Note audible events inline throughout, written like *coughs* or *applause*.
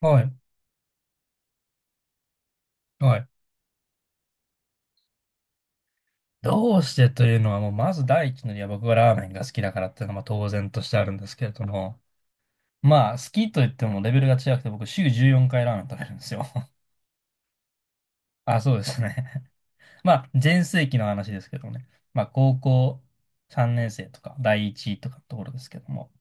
はい。はい。どうしてというのは、もうまず第一の理由は僕がラーメンが好きだからっていうのはまあ当然としてあるんですけれども、まあ好きと言ってもレベルが違くて僕週14回ラーメン食べるんですよ。*laughs* あ、そうですね。*laughs* まあ全盛期の話ですけどね。まあ高校3年生とか第一とかのところですけども。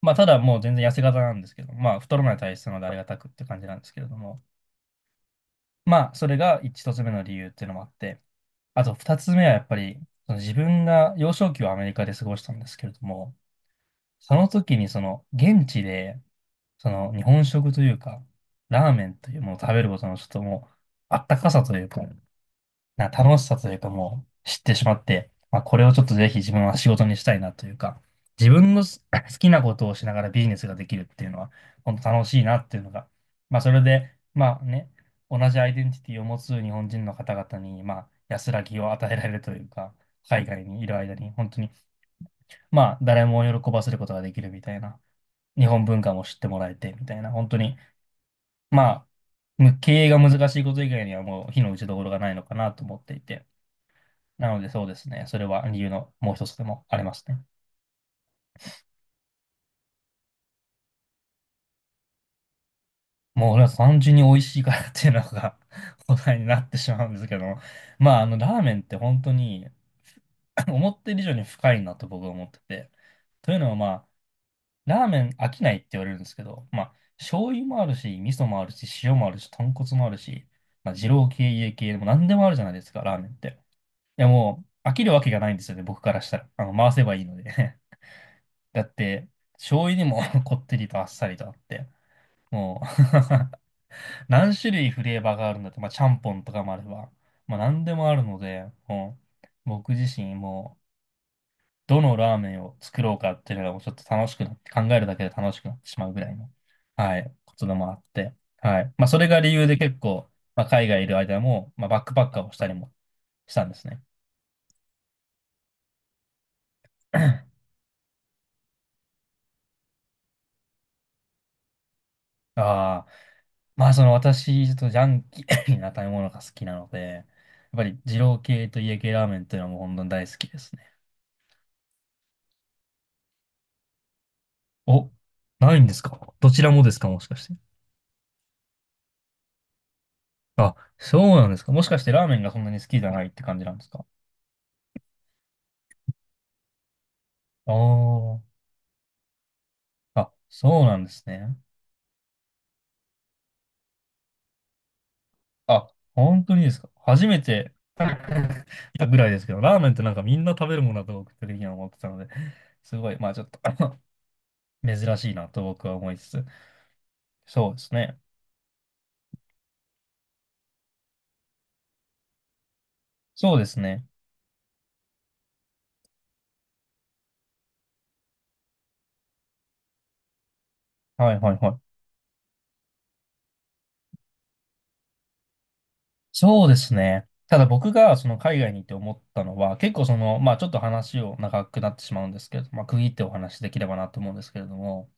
まあただもう全然痩せ型なんですけど、まあ太らない体質なのでありがたくって感じなんですけれども。まあそれが一つ目の理由っていうのもあって、あと二つ目はやっぱり、その自分が幼少期をアメリカで過ごしたんですけれども、その時にその現地で、その日本食というか、ラーメンというものを食べることのちょっともう、あったかさというか、な楽しさというかもう知ってしまって、まあ、これをちょっとぜひ自分は仕事にしたいなというか、自分のす *coughs* *laughs* 好きなことをしながらビジネスができるっていうのは、本当楽しいなっていうのが、まあ、それで、まあね、同じアイデンティティを持つ日本人の方々に、まあ、安らぎを与えられるというか、海外にいる間に、本当に、まあ、誰も喜ばせることができるみたいな、日本文化も知ってもらえて、みたいな、本当に、まあ、む経営が難しいこと以外にはもう、非の打ちどころがないのかなと思っていて、なのでそうですね。それは理由のもう一つでもありますね。もう俺は単純に美味しいからっていうのが *laughs* 答えになってしまうんですけど、まああのラーメンって本当に *laughs* 思ってる以上に深いなと僕は思ってて。というのはまあ、ラーメン飽きないって言われるんですけど、まあ、醤油もあるし、味噌もあるし、塩もあるし、豚骨もあるし、まあ、二郎系、家系でも何でもあるじゃないですか、ラーメンって。いやもう、飽きるわけがないんですよね、僕からしたら。あの、回せばいいのでだって、醤油にも *laughs* こってりとあっさりとあって、もう *laughs* 何種類フレーバーがあるんだって、まあ、ちゃんぽんとかもあれば、まあ、何でもあるので、もう、僕自身もう、どのラーメンを作ろうかっていうのがもうちょっと楽しくなって、考えるだけで楽しくなってしまうぐらいの、はい、ことでもあって、はい。まあ、それが理由で結構、まあ、海外いる間も、まあ、バックパッカーをしたりもしたんですね。*clears throat* ああ。まあ、その私、ちょっとジャンキー *coughs* な食べ物が好きなので、やっぱり二郎系と家系ラーメンというのはもう本当に大好きですね。お、ないんですか？どちらもですか？もしかして。あ、そうなんですか？もしかしてラーメンがそんなに好きじゃないって感じなんですか？あー、あ、そうなんですね。あ、本当にですか？初めて *laughs* いたぐらいですけど、ラーメンってなんかみんな食べるものだと僕的には思ってたので、すごい、まあちょっと *laughs* 珍しいなと僕は思いつつ。そうですね。そうですね。はいはいはい。そうですね。ただ僕がその海外に行って思ったのは、結構その、まあちょっと話を長くなってしまうんですけれど、まあ区切ってお話しできればなと思うんですけれども、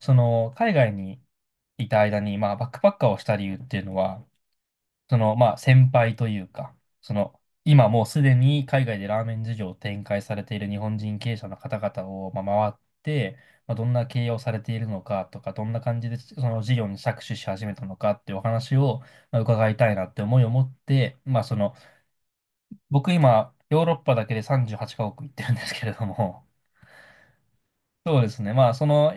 その海外にいた間に、まあバックパッカーをした理由っていうのは、その、まあ、先輩というか、その、今もうすでに海外でラーメン事業を展開されている日本人経営者の方々を、まあ、回って、まあ、どんな経営をされているのかとか、どんな感じでその事業に着手し始めたのかっていうお話を、まあ、伺いたいなって思いを持って、まあ、その、僕今、ヨーロッパだけで38カ国行ってるんですけれども、そうですね。まあ、その、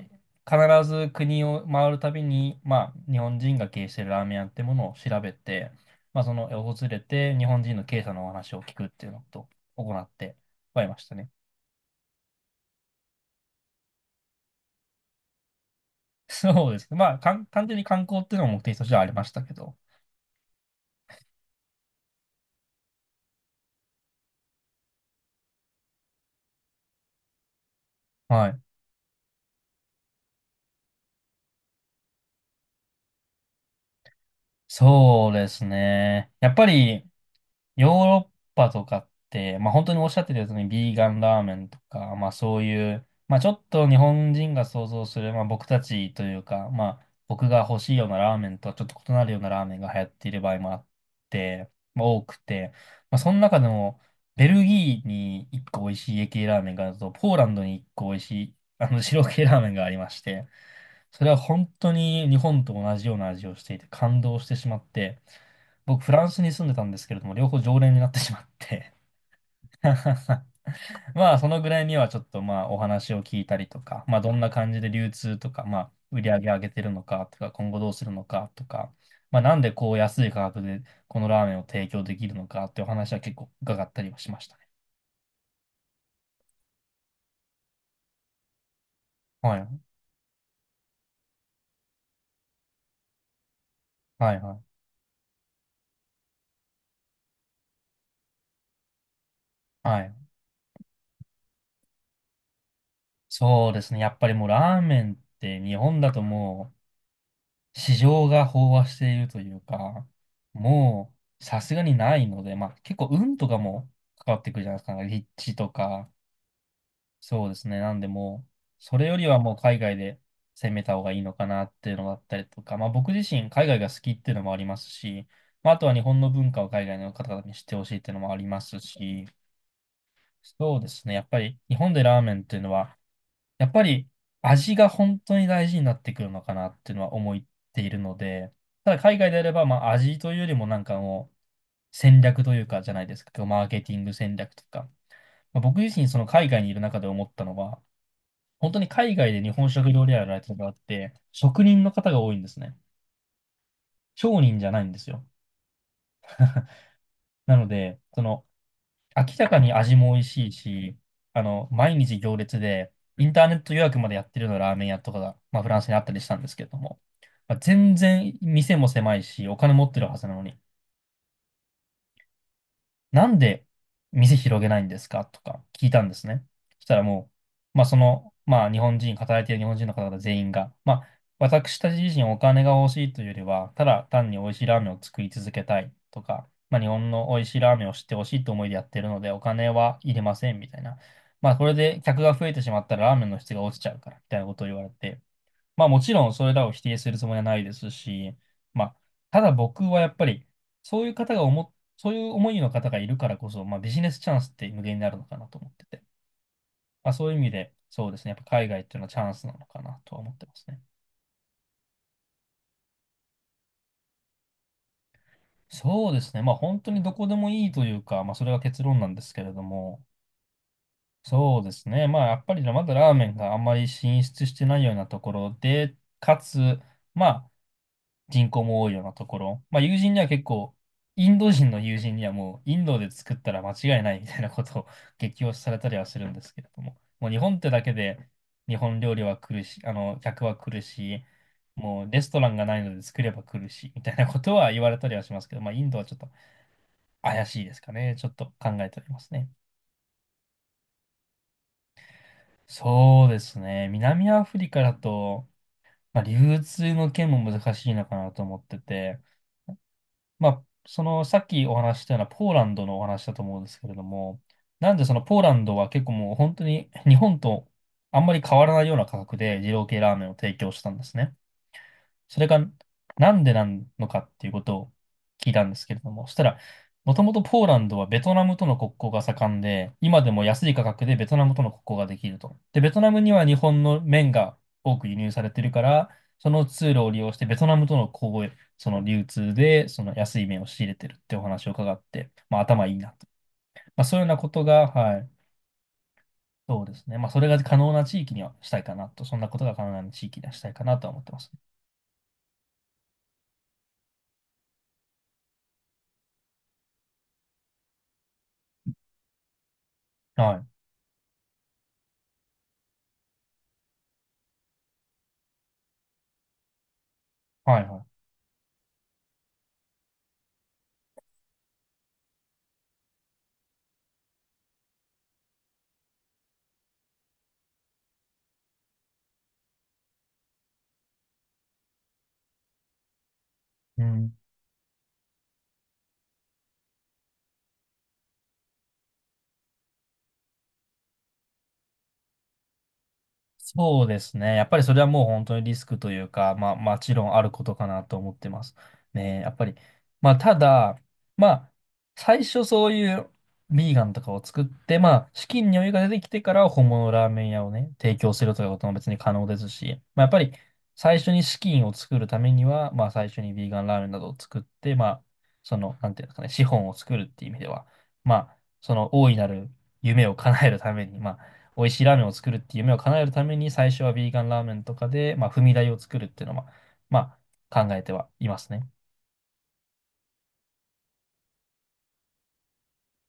必ず国を回るたびに、まあ、日本人が経営しているラーメン屋ってものを調べて、まあ、その、訪れて、日本人の経営者のお話を聞くっていうのと行ってはいましたね。そうですね。まあ、かん、単純に観光っていうのも目的としてはありましたけど。はい。そうですね。やっぱり、ヨーロッパとかって、まあ、本当におっしゃってたように、ビーガンラーメンとか、まあ、そういう、まあ、ちょっと日本人が想像する、まあ、僕たちというか、まあ、僕が欲しいようなラーメンとはちょっと異なるようなラーメンが流行っている場合もあって、まあ、多くて、まあ、その中でも、ベルギーに1個美味しい家系ラーメンがあると、ポーランドに1個美味しい、あの、白系ラーメンがありまして、それは本当に日本と同じような味をしていて、感動してしまって、僕、フランスに住んでたんですけれども、両方常連になってしまって *laughs* まあ、そのぐらいにはちょっとまあ、お話を聞いたりとか、まあ、どんな感じで流通とか、まあ、売り上げ上げてるのかとか、今後どうするのかとか、まあ、なんでこう安い価格でこのラーメンを提供できるのかっていうお話は結構伺ったりはしましたね。はい、はい、はい。はい。そうですね。やっぱりもうラーメンって日本だともう、市場が飽和しているというか、もうさすがにないので、まあ結構運とかも関わってくるじゃないですか、なんか立地とか、そうですね、なんでもう、それよりはもう海外で攻めた方がいいのかなっていうのだったりとか、まあ僕自身海外が好きっていうのもありますし、まああとは日本の文化を海外の方々に知ってほしいっていうのもありますし、そうですね、やっぱり日本でラーメンっていうのはやっぱり味が本当に大事になってくるのかなっていうのは思っているので、ただ海外であれば、まあ味というよりもなんかもう戦略というかじゃないですか、マーケティング戦略とか。まあ、僕自身その海外にいる中で思ったのは、本当に海外で日本食料理屋やられてる方って、職人の方が多いんですね。商人じゃないんですよ。*laughs* なので、その明らかに味も美味しいし、あの、毎日行列で、インターネット予約までやってるようなラーメン屋とかが、まあ、フランスにあったりしたんですけれども、まあ、全然店も狭いし、お金持ってるはずなのに、なんで店広げないんですかとか聞いたんですね。そしたらもう、まあその、まあ日本人、働いている日本人の方々全員が、まあ私たち自身お金が欲しいというよりは、ただ単に美味しいラーメンを作り続けたいとか、まあ日本の美味しいラーメンを知ってほしいと思いでやってるので、お金はいりませんみたいな。まあこれで客が増えてしまったらラーメンの質が落ちちゃうから、みたいなことを言われて、まあもちろんそれらを否定するつもりはないですし、まあ、ただ僕はやっぱり、そういう方が思、そういう思いの方がいるからこそ、まあビジネスチャンスって無限になるのかなと思ってて、まあそういう意味で、そうですね、やっぱ海外っていうのはチャンスなのかなとは思ってますね。そうですね、まあ本当にどこでもいいというか、まあそれが結論なんですけれども、そうですね、まあやっぱりまだラーメンがあんまり進出してないようなところで、かつ、まあ、人口も多いようなところ。まあ友人には結構、インド人の友人にはもうインドで作ったら間違いないみたいなことを *laughs* 激推しされたりはするんですけれども。もう日本ってだけで日本料理は来るし、あの、客は来るし、もうレストランがないので作れば来るし、みたいなことは言われたりはしますけど、まあインドはちょっと怪しいですかね。ちょっと考えておりますね。そうですね。南アフリカだと、まあ、流通の件も難しいのかなと思ってて、まあ、その、さっきお話ししたようなポーランドのお話だと思うんですけれども、なんでそのポーランドは結構もう本当に日本とあんまり変わらないような価格で二郎系ラーメンを提供したんですね。それがなんでなのかっていうことを聞いたんですけれども、そしたら、もともとポーランドはベトナムとの国交が盛んで、今でも安い価格でベトナムとの国交ができると。で、ベトナムには日本の麺が多く輸入されてるから、その通路を利用してベトナムとの交易、その流通でその安い麺を仕入れてるってお話を伺って、まあ頭いいなと。まあそういうようなことが、はい、そうですね。まあそれが可能な地域にはしたいかなと、そんなことが可能な地域にはしたいかなとは思ってますね。はい。はいはい。うん、そうですね。やっぱりそれはもう本当にリスクというか、まあ、もちろんあることかなと思ってます。ね、やっぱり。まあ、ただ、まあ、最初そういうビーガンとかを作って、まあ、資金に余裕が出てきてから本物のラーメン屋をね、提供するということも別に可能ですし、まあ、やっぱり最初に資金を作るためには、まあ、最初にビーガンラーメンなどを作って、まあ、その、なんていうんですかね、資本を作るっていう意味では、まあ、その大いなる夢を叶えるために、まあ、美味しいラーメンを作るっていう夢を叶えるために、最初はビーガンラーメンとかで、まあ、踏み台を作るっていうのは、まあ、考えてはいますね。